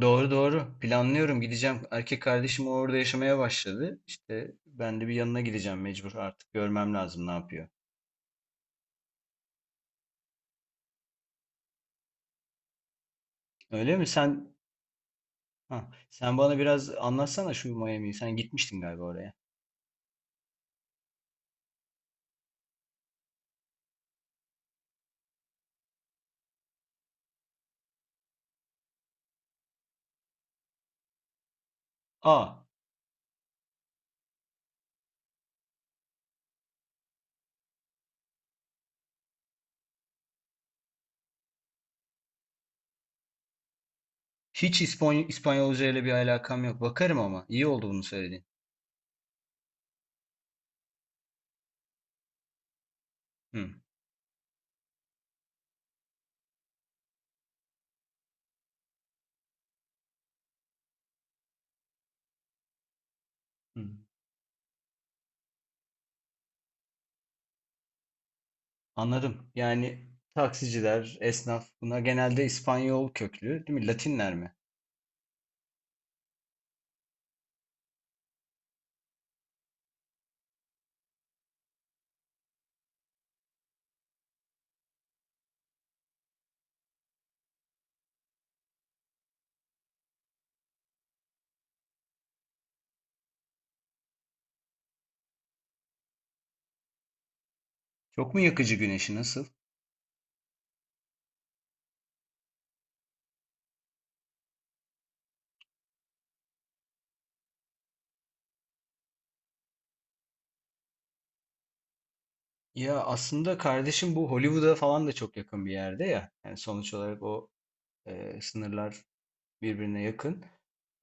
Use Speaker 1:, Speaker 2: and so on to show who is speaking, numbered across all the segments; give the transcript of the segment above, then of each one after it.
Speaker 1: Doğru doğru. Planlıyorum gideceğim. Erkek kardeşim orada yaşamaya başladı. İşte ben de bir yanına gideceğim mecbur artık. Görmem lazım ne yapıyor. Öyle mi? Sen bana biraz anlatsana şu Miami'yi. Sen gitmiştin galiba oraya. Aa, hiç İspanyolca ile bir alakam yok. Bakarım ama. İyi oldu bunu söylediğin. Hı, hı. Anladım. Yani taksiciler, esnaf bunlar genelde İspanyol köklü, değil mi? Latinler mi? Çok mu yakıcı güneşi nasıl? Ya aslında kardeşim bu Hollywood'a falan da çok yakın bir yerde ya. Yani sonuç olarak o sınırlar birbirine yakın.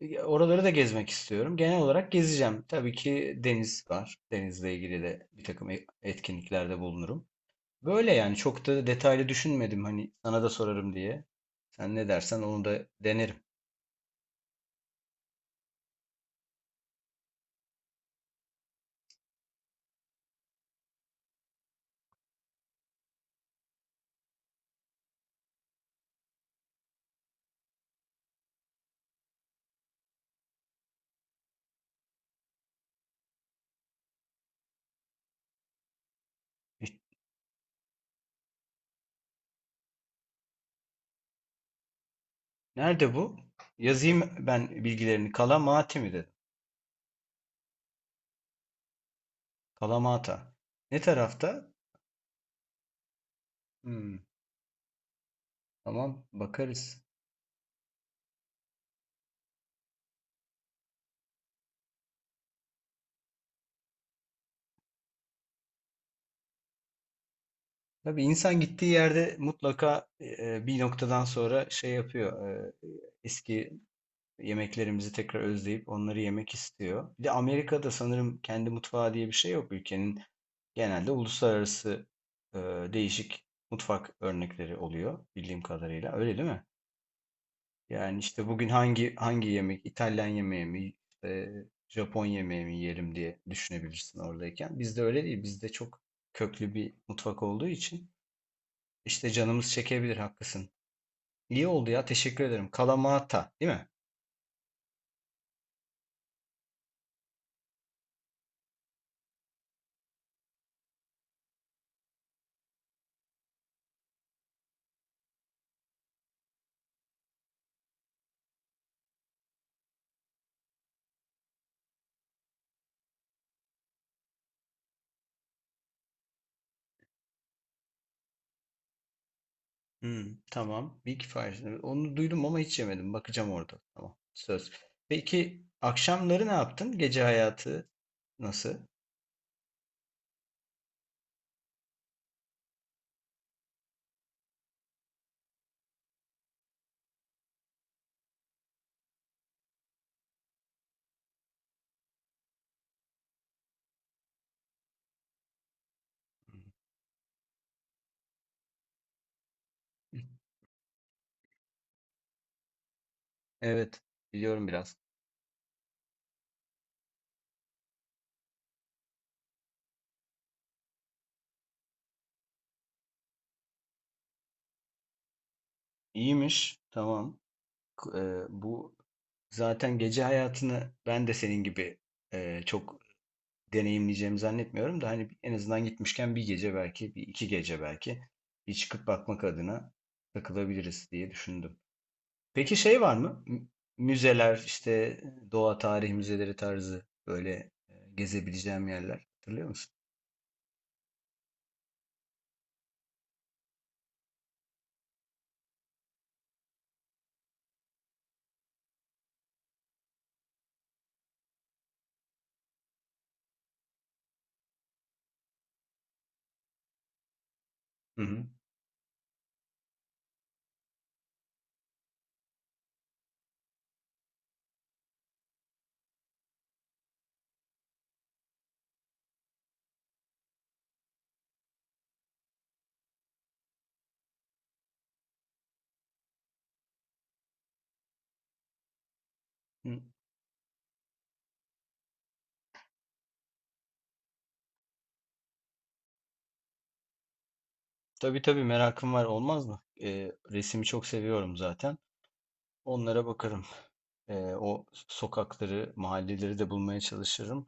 Speaker 1: Oraları da gezmek istiyorum. Genel olarak gezeceğim. Tabii ki deniz var. Denizle ilgili de bir takım etkinliklerde bulunurum. Böyle yani çok da detaylı düşünmedim hani sana da sorarım diye. Sen ne dersen onu da denerim. E, Nerede bu? Yazayım ben bilgilerini. Kalamata mi dedim? Kalamata. Ne tarafta? Hmm, tamam, bakarız. Tabii insan gittiği yerde mutlaka bir noktadan sonra şey yapıyor. Eski yemeklerimizi tekrar özleyip onları yemek istiyor. Bir de Amerika'da sanırım kendi mutfağı diye bir şey yok. Ülkenin genelde uluslararası e, değişik mutfak örnekleri oluyor bildiğim kadarıyla. Öyle değil mi? Yani işte bugün hangi yemek, İtalyan yemeği mi, e, Japon yemeği mi yiyelim diye düşünebilirsin oradayken. Bizde öyle değil. Bizde çok köklü bir mutfak olduğu için. İşte canımız çekebilir, haklısın. İyi oldu ya, teşekkür ederim. Kalamata, değil mi? Hmm, tamam. Big Five. Onu duydum ama hiç yemedim. Bakacağım orada. Tamam. Söz. Peki akşamları ne yaptın? Gece hayatı nasıl? Evet, biliyorum biraz. İyiymiş. Tamam. K- e, Bu zaten gece hayatını ben de senin gibi çok deneyimleyeceğimi zannetmiyorum da hani en azından gitmişken bir gece belki, bir iki gece belki bir çıkıp bakmak adına takılabiliriz diye düşündüm. Peki şey var mı? Müzeler, işte doğa tarih müzeleri tarzı böyle gezebileceğim yerler. Hatırlıyor musun? Hı hı. Hı. Tabii tabii, merakım var olmaz mı? Resimi çok seviyorum zaten. Onlara bakarım. O sokakları, mahalleleri de bulmaya çalışırım.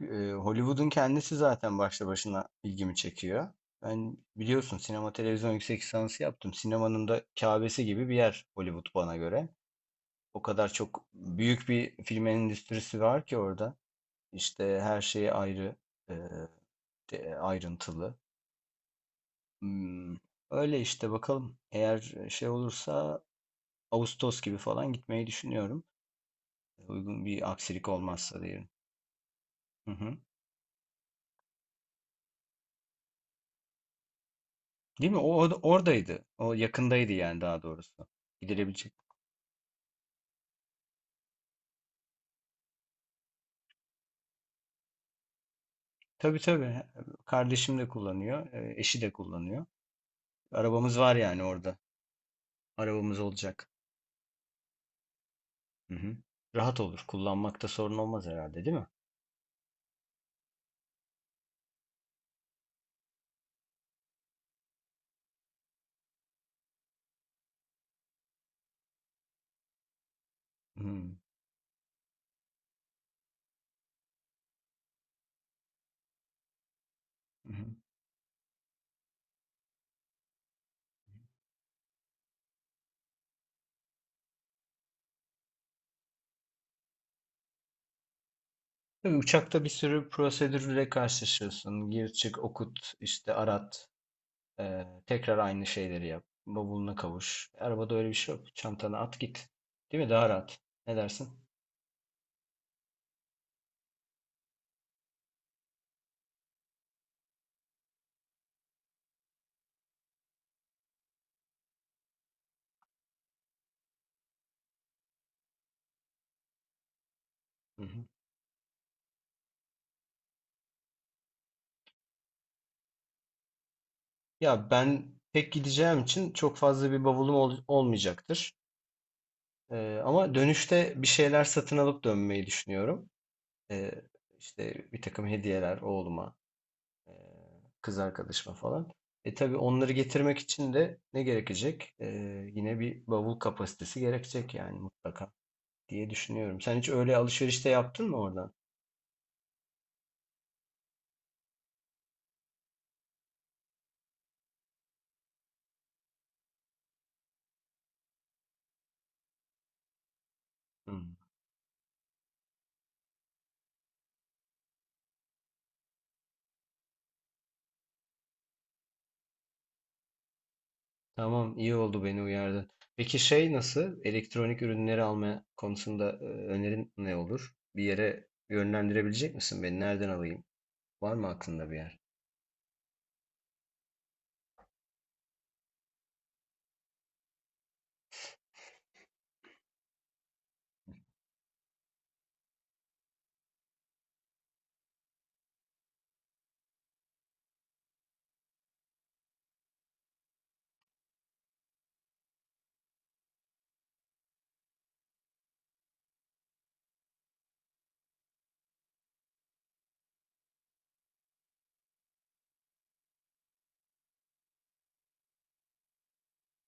Speaker 1: Hollywood'un kendisi zaten başlı başına ilgimi çekiyor. Ben biliyorsun sinema televizyon yüksek lisansı yaptım. Sinemanın da Kâbesi gibi bir yer Hollywood bana göre. O kadar çok büyük bir film endüstrisi var ki orada. İşte her şey ayrı, eee, ayrıntılı. Hmm, Öyle işte, bakalım. Eğer şey olursa Ağustos gibi falan gitmeyi düşünüyorum. Uygun bir aksilik olmazsa diyelim. Hı hı. Değil mi? O oradaydı. O yakındaydı yani, daha doğrusu. Gidilebilecek. Tabii tabii. Kardeşim de kullanıyor, eşi de kullanıyor. Arabamız var yani orada. Arabamız olacak. Hı hı. Rahat olur. Kullanmakta sorun olmaz herhalde, değil mi? Hı hı. Tabii uçakta bir sürü prosedürle karşılaşıyorsun. Gir çık, okut, işte arat, tekrar aynı şeyleri yap. Bavuluna kavuş. Arabada öyle bir şey yok. Çantana at git. Değil mi? Daha rahat. Ne dersin? Hı hı. Ya ben pek gideceğim için çok fazla bir bavulum olmayacaktır. Ama dönüşte bir şeyler satın alıp dönmeyi düşünüyorum. Ee, işte bir takım hediyeler oğluma, e, kız arkadaşıma falan. Tabii onları getirmek için de ne gerekecek? Yine bir bavul kapasitesi gerekecek yani mutlaka diye düşünüyorum. Sen hiç öyle alışverişte yaptın mı oradan? Hmm. Tamam, iyi oldu beni uyardın. Peki şey nasıl? Elektronik ürünleri alma konusunda önerin ne olur? Bir yere yönlendirebilecek misin beni? Nereden alayım? Var mı aklında bir yer?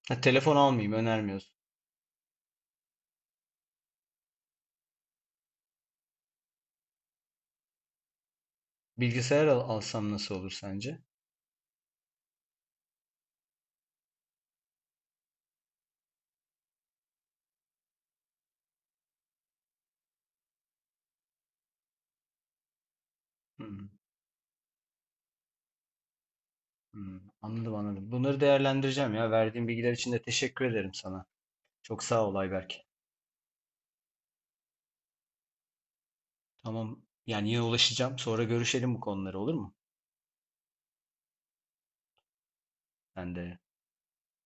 Speaker 1: Ha, telefon almayayım önermiyorsun. Bilgisayar alsam nasıl olur sence? Hmm, hmm, anladım anladım. Bunları değerlendireceğim ya. Verdiğin bilgiler için de teşekkür ederim sana. Çok sağ ol Ayberk. Tamam, yani yine ulaşacağım. Sonra görüşelim bu konuları, olur mu? Ben de.